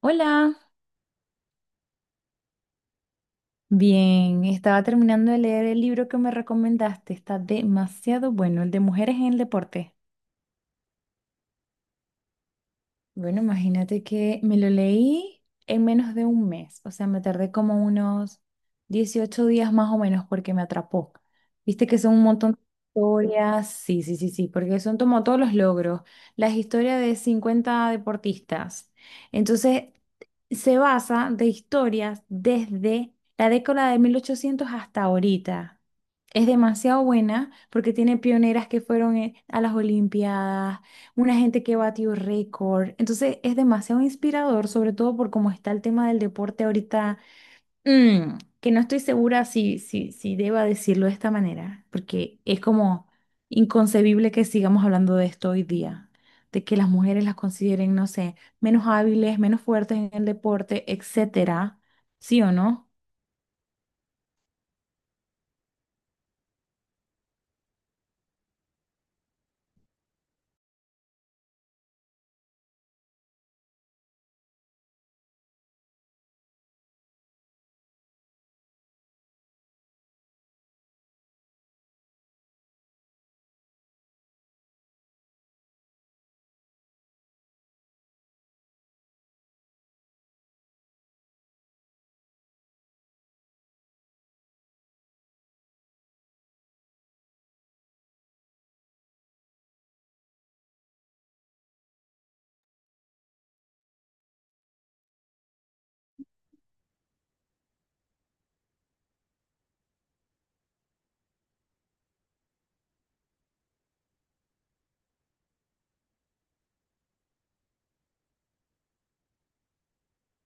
Hola, bien, estaba terminando de leer el libro que me recomendaste, está demasiado bueno, el de mujeres en el deporte. Bueno, imagínate que me lo leí en menos de un mes, o sea, me tardé como unos 18 días más o menos porque me atrapó. Viste que son un montón de historias, sí, sí, sí, sí, porque son como todos los logros, las historias de 50 deportistas. Entonces, se basa de historias desde la década de 1800 hasta ahorita. Es demasiado buena porque tiene pioneras que fueron a las Olimpiadas, una gente que batió récord. Entonces es demasiado inspirador, sobre todo por cómo está el tema del deporte ahorita, que no estoy segura si deba decirlo de esta manera, porque es como inconcebible que sigamos hablando de esto hoy día, de que las mujeres las consideren, no sé, menos hábiles, menos fuertes en el deporte, etcétera. ¿Sí o no?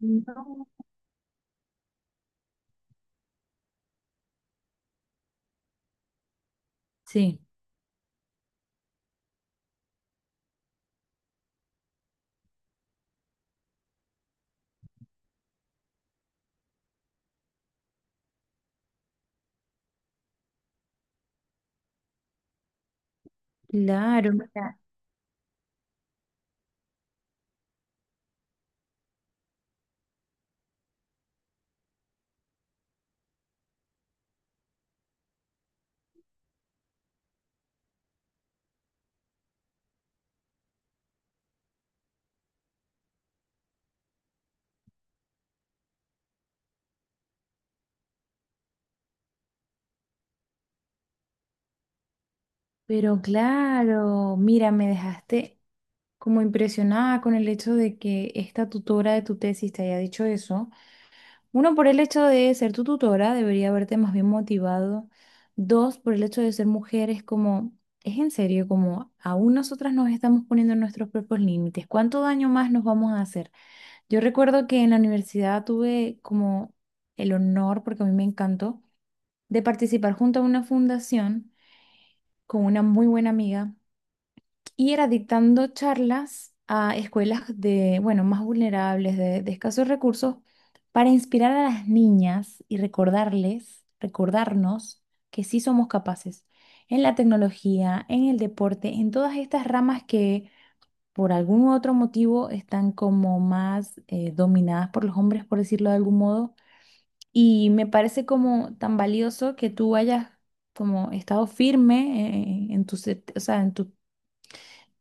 No. Sí, claro, mira, pero claro, mira, me dejaste como impresionada con el hecho de que esta tutora de tu tesis te haya dicho eso. Uno, por el hecho de ser tu tutora, debería haberte más bien motivado. Dos, por el hecho de ser mujer, es como, es en serio, como aún nosotras nos estamos poniendo nuestros propios límites. ¿Cuánto daño más nos vamos a hacer? Yo recuerdo que en la universidad tuve como el honor, porque a mí me encantó, de participar junto a una fundación con una muy buena amiga y era dictando charlas a escuelas de, bueno, más vulnerables, de escasos recursos, para inspirar a las niñas y recordarles, recordarnos que sí somos capaces en la tecnología, en el deporte, en todas estas ramas que por algún otro motivo están como más dominadas por los hombres, por decirlo de algún modo. Y me parece como tan valioso que tú hayas como estado firme en, tu, o sea, en tu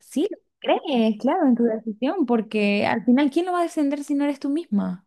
Sí, lo crees, claro, en tu decisión, porque al final, ¿quién lo va a defender si no eres tú misma?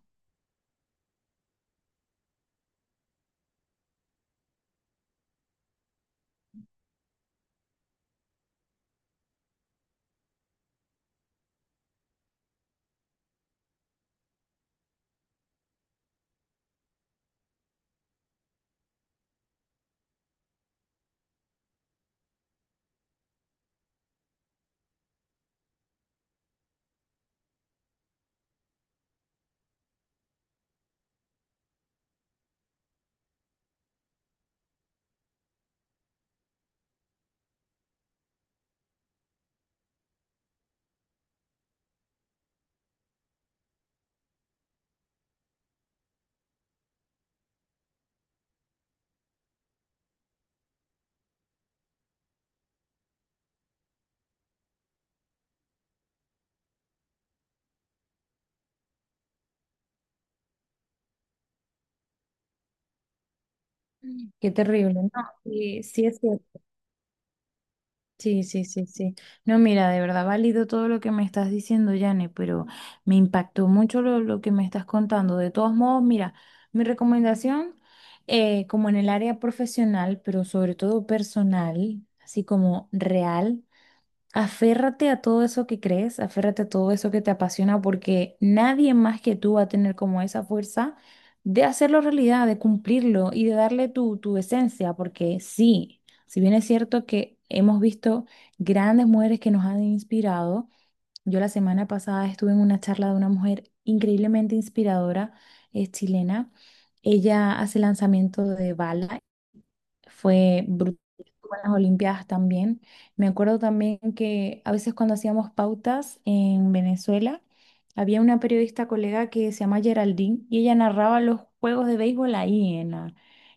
Mm. Qué terrible, ¿no? Sí, sí, es cierto. Sí, sí, sí, sí. No, mira, de verdad, válido todo lo que me estás diciendo, Yane, pero me impactó mucho lo que me estás contando. De todos modos, mira, mi recomendación, como en el área profesional, pero sobre todo personal, así como real. Aférrate a todo eso que crees, aférrate a todo eso que te apasiona, porque nadie más que tú va a tener como esa fuerza de hacerlo realidad, de cumplirlo y de darle tu, tu esencia, porque sí, si bien es cierto que hemos visto grandes mujeres que nos han inspirado, yo la semana pasada estuve en una charla de una mujer increíblemente inspiradora, es chilena, ella hace lanzamiento de bala fue brutal con las Olimpiadas también. Me acuerdo también que a veces cuando hacíamos pautas en Venezuela, había una periodista colega que se llama Geraldine y ella narraba los juegos de béisbol ahí en la,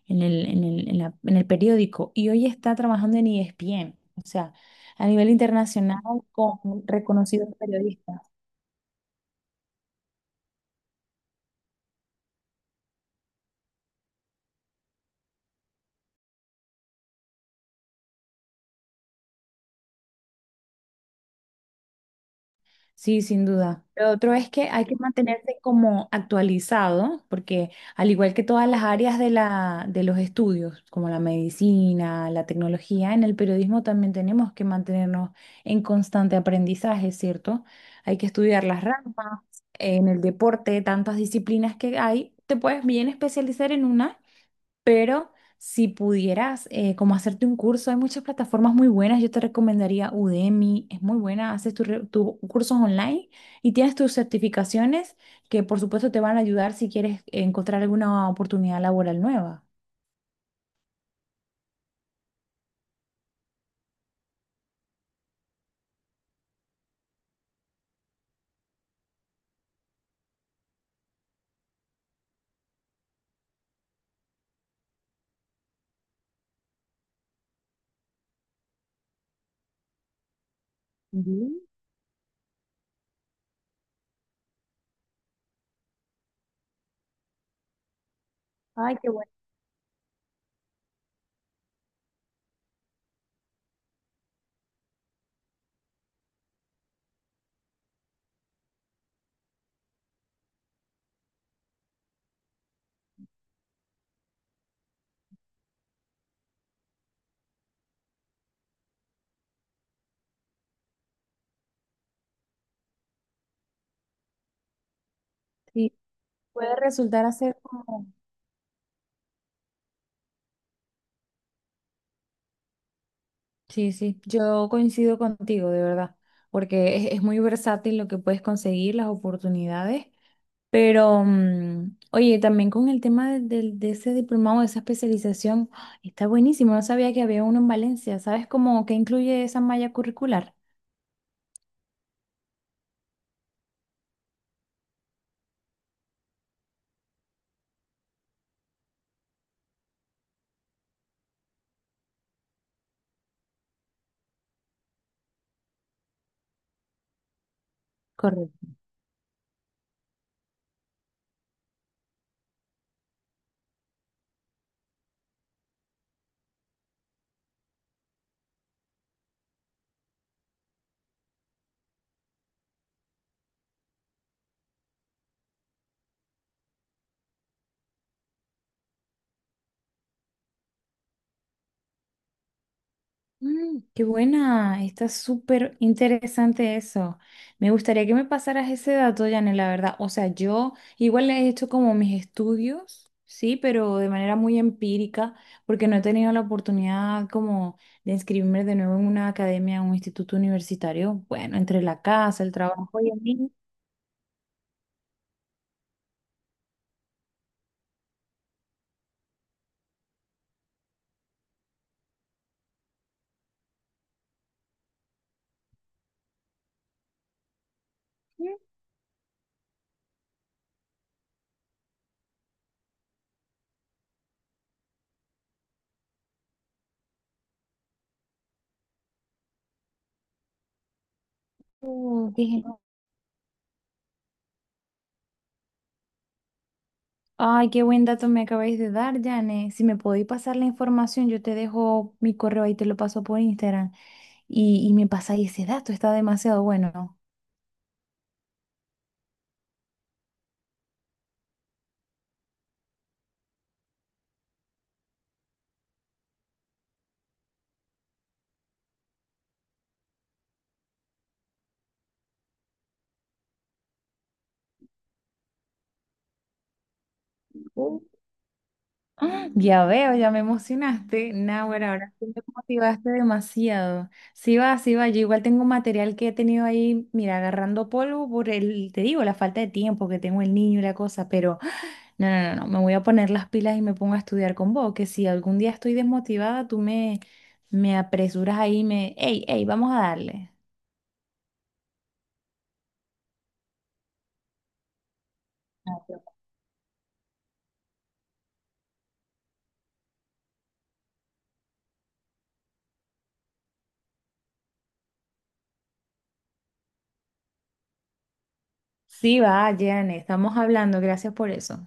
en el periódico y hoy está trabajando en ESPN, o sea, a nivel internacional con reconocidos periodistas. Sí, sin duda. Lo otro es que hay que mantenerse como actualizado, porque al igual que todas las áreas de la, de los estudios, como la medicina, la tecnología, en el periodismo también tenemos que mantenernos en constante aprendizaje, ¿cierto? Hay que estudiar las ramas, en el deporte, tantas disciplinas que hay, te puedes bien especializar en una pero si pudieras, como hacerte un curso, hay muchas plataformas muy buenas. Yo te recomendaría Udemy, es muy buena. Haces tus cursos online y tienes tus certificaciones que, por supuesto, te van a ayudar si quieres encontrar alguna oportunidad laboral nueva. Ujú. Ay, qué bueno. Sí, puede resultar hacer como... Sí, sí, yo coincido contigo, de verdad, porque es muy versátil lo que puedes conseguir, las oportunidades. Pero, oye, también con el tema de, de ese diplomado, de esa especialización, ¡ah! Está buenísimo. No sabía que había uno en Valencia. ¿Sabes cómo que incluye esa malla curricular? Correcto. Mm, qué buena, está súper interesante eso. Me gustaría que me pasaras ese dato, Janet, la verdad. O sea, yo igual he hecho como mis estudios, sí, pero de manera muy empírica, porque no he tenido la oportunidad como de inscribirme de nuevo en una academia, en un instituto universitario. Bueno, entre la casa, el trabajo y el niño. Mm, dije, ay, qué buen dato me acabáis de dar, Jane. Si me podéis pasar la información, yo te dejo mi correo y te lo paso por Instagram. Y me pasáis ese dato, está demasiado bueno. Uh, ¡Ah! Ya veo, ya me emocionaste. Nahuara, ahora sí me motivaste demasiado. Sí va, sí va. Yo igual tengo material que he tenido ahí, mira, agarrando polvo por el, te digo, la falta de tiempo que tengo el niño y la cosa, pero no, no, no, no, me voy a poner las pilas y me pongo a estudiar con vos, que si algún día estoy desmotivada, me apresuras ahí y me... hey, hey, ¡vamos a darle! Gracias. Sí, va, Jane, estamos hablando, gracias por eso.